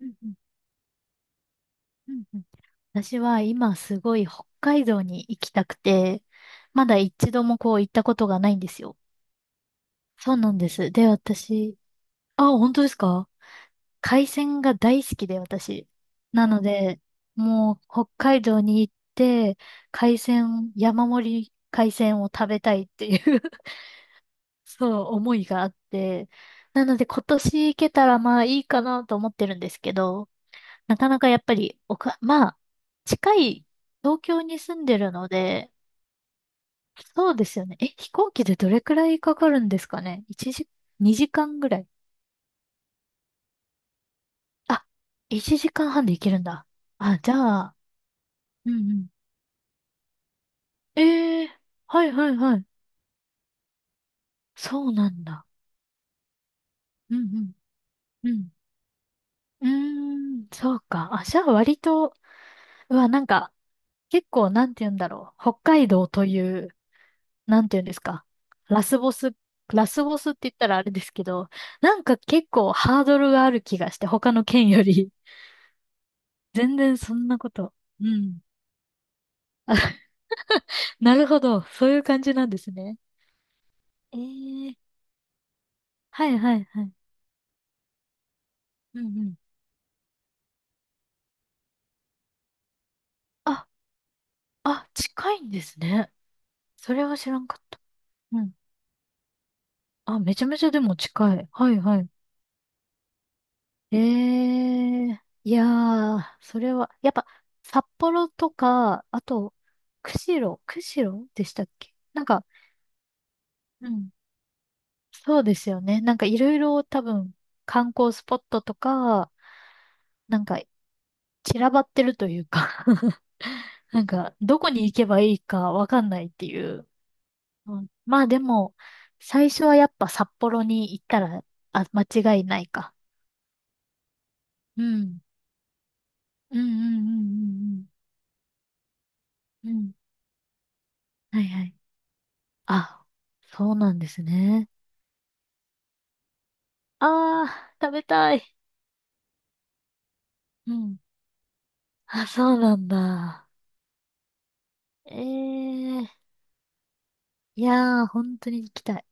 うんうんうんうん。私は今すごい北海道に行きたくて、まだ一度もこう行ったことがないんですよ。そうなんです。で、私、あ、本当ですか？海鮮が大好きで、私。なので、もう北海道に行って、海鮮、山盛り海鮮を食べたいっていう そう、思いがあって。なので今年行けたらまあいいかなと思ってるんですけど、なかなかやっぱり、まあ、近い東京に住んでるので、そうですよね。え、飛行機でどれくらいかかるんですかね？ 1 時、2時間ぐらい。あ、1時間半で行けるんだ。あ、じゃあ、うんうん。ええ、はいはいはい。そうなんだ。うんうん。うん。うーん、そうか。あ、じゃあ割と、うわ、なんか、結構、なんて言うんだろう。北海道という、なんていうんですか。ラスボス、ラスボスって言ったらあれですけど、なんか結構ハードルがある気がして、他の県より。全然そんなこと。うん。あ、なるほど。そういう感じなんですね。ええ、はいはいはい。うんうん。あ、あ、近いんですね。それは知らんかった。うん。あ、めちゃめちゃでも近い。はいはい。ええ、いやー、それは、やっぱ、札幌とか、あと、釧路、釧路でしたっけ、なんか、うん、そうですよね。なんかいろいろ多分、観光スポットとか、なんか散らばってるというか なんか、どこに行けばいいかわかんないっていう。うん、まあでも、最初はやっぱ札幌に行ったら、あ、間違いないか。うん。うんうんうんうんうん。うん。はいはい。あ、そうなんですね。ああ、食べたい。うん。あ、そうなんだ。ええ、いやー、本当に行きたい。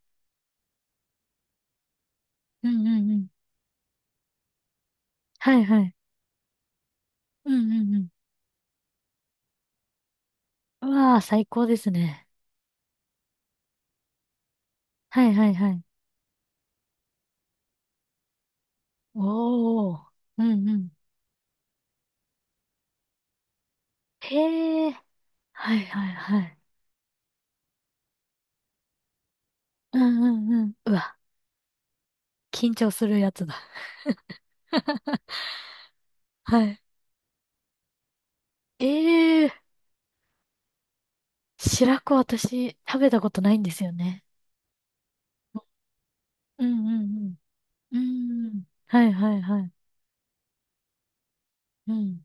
うんうんうん。はいはい。うんうんうん。うわー、最高ですね。はいはいはい。おー。うんうん。へえ。はいはいはい。うんうんうん。うわ、緊張するやつだ。はい。ええ、白子私、食べたことないんですよね。うんうんうん。うん。はいはいはい。うん。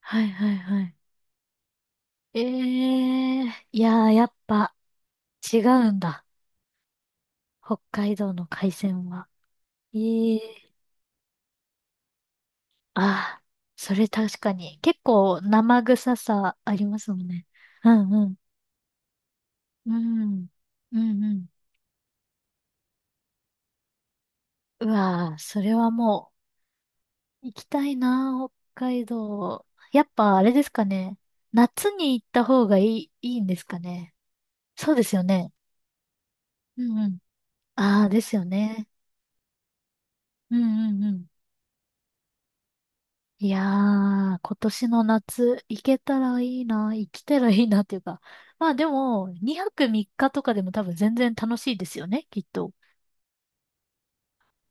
はいはいはい。ええ、いやー、やっぱ違うんだ。北海道の海鮮は。ええ、ああ、それ確かに。結構生臭さありますもんね。うんうん。うん。うんうん。うわー、それはもう行きたいなー、北海道。やっぱあれですかね。夏に行った方がいいんですかね。そうですよね。うんうん。ああ、ですよね。うんうんうん。いやー、今年の夏、行けたらいいな、行きたらいいなっていうか。まあでも、2泊3日とかでも多分全然楽しいですよね、きっと。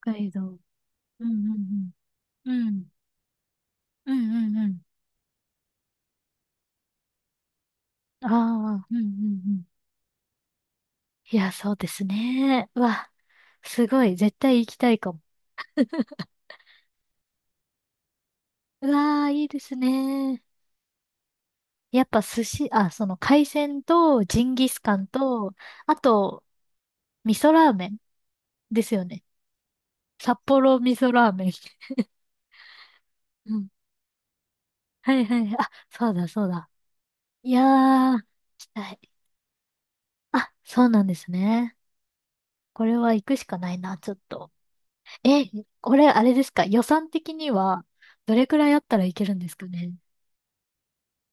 北海道。うんうんうん。うん。うんうんうん。ああ、うんうんうん。いや、そうですね。うわ、すごい、絶対行きたいかも。うわー、いいですね。やっぱ寿司、あ、その海鮮とジンギスカンと、あと、味噌ラーメンですよね。札幌味噌ラーメン。はいはいはい。あ、そうだそうだ。いやー、行きたい。あ、そうなんですね。これは行くしかないな、ちょっと。え、これあれですか、予算的には、どれくらいあったらいけるんですかね？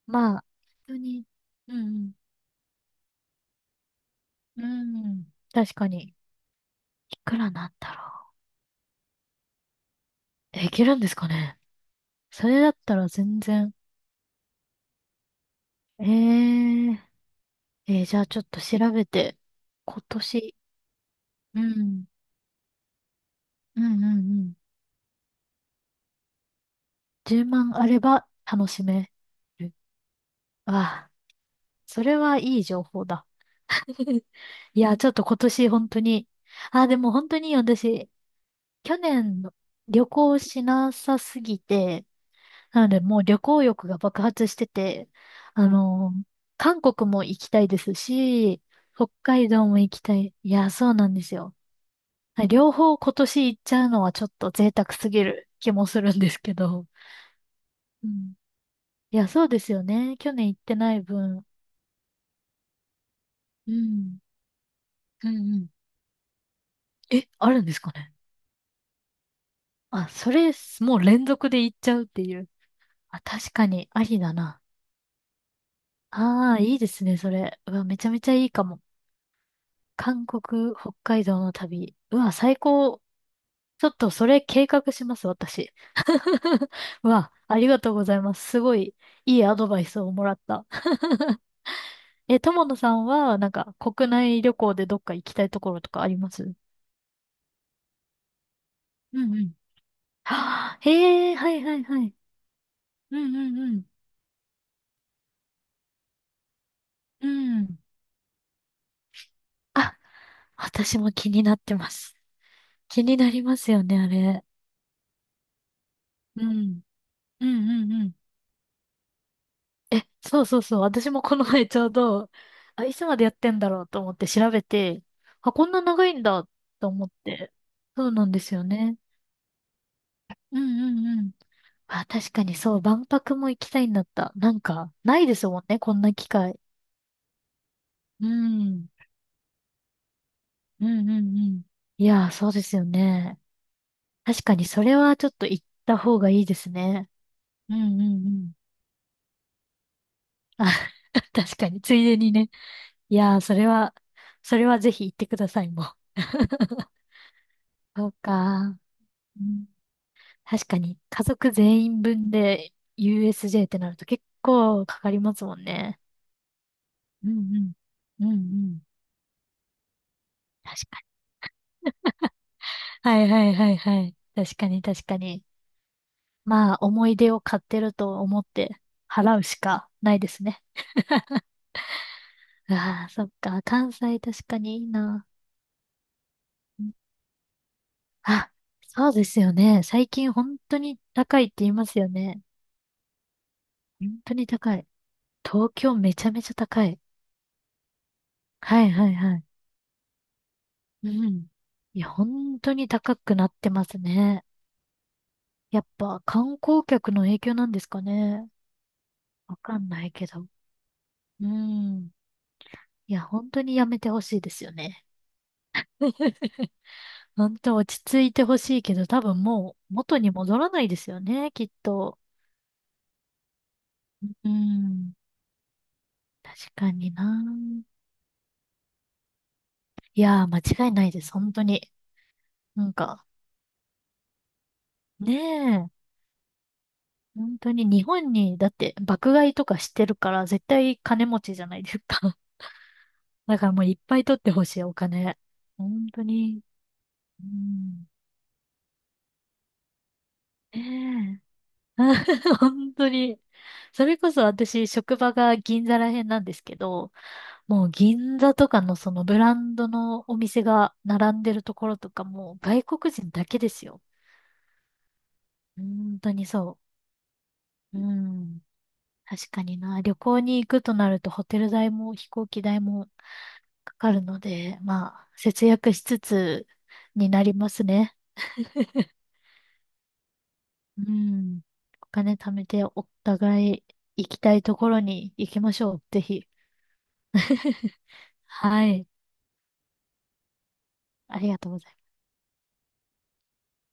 まあ、本当に、うんうん、うん、確かに。いくらなんだろう。え、いけるんですかね？それだったら全然。えー、じゃあちょっと調べて、今年、うん、うんうんうん。10万あれば楽しめ。る、ああ、それはいい情報だ。いや、ちょっと今年本当に、あ、でも本当に私、去年の旅行しなさすぎて、なのでもう旅行欲が爆発してて、あの、韓国も行きたいですし、北海道も行きたい。いや、そうなんですよ。両方今年行っちゃうのはちょっと贅沢すぎる気もするんですけど。うん。いや、そうですよね。去年行ってない分。うん。うんうん。え、あるんですかね？あ、それ、もう連続で行っちゃうっていう。あ、確かに、ありだな。ああ、いいですね、それ。うわ、めちゃめちゃいいかも。韓国、北海道の旅。うわ、最高。ちょっと、それ計画します、私。うわ、ありがとうございます。すごい、いいアドバイスをもらった。え、友野さんは、なんか、国内旅行でどっか行きたいところとかあります？うんうん。はあ、へえ、はいはいはい。うんうんうん。うん。あ、私も気になってます。気になりますよね、あれ。うん。うんうんうん。え、そうそうそう。私もこの前ちょうど、あ、いつまでやってんだろうと思って調べて、あ、こんな長いんだと思って。そうなんですよね。うんうんうん。あ、確かにそう、万博も行きたいんだった。なんか、ないですもんね、こんな機会。うん。うんうんうん。いやー、そうですよね。確かにそれはちょっと行った方がいいですね。うんうんうん。あ、確かに、ついでにね。いやー、それはぜひ行ってください、もう。そうか。うん、確かに、家族全員分で USJ ってなると結構かかりますもんね。うんうん。うんうん。確かに。はいはいはいはい。確かに確かに。まあ、思い出を買ってると思って払うしかないですね。ああ、そっか。関西確かにいいな。うん、あ、そうですよね。最近本当に高いって言いますよね。本当に高い。東京めちゃめちゃ高い。はいはいはい。うん。いや、本当に高くなってますね。やっぱ観光客の影響なんですかね。わかんないけど。うん。いや、本当にやめてほしいですよね。本当落ち着いてほしいけど、多分もう元に戻らないですよね、きっと。うん。確かにな。いやー、間違いないです、本当に。なんか、ねえ。本当に日本に、だって爆買いとかしてるから絶対金持ちじゃないですか。だからもういっぱい取ってほしい、お金。本当に。うん。ねえ。本当に。それこそ私、職場が銀座ら辺なんですけど、もう銀座とかのそのブランドのお店が並んでるところとかもう外国人だけですよ。本当にそう。うん。確かにな。旅行に行くとなるとホテル代も飛行機代もかかるので、まあ、節約しつつになりますね。うん。お金貯めてお互い行きたいところに行きましょう。ぜひ。はい。ありがとうございます。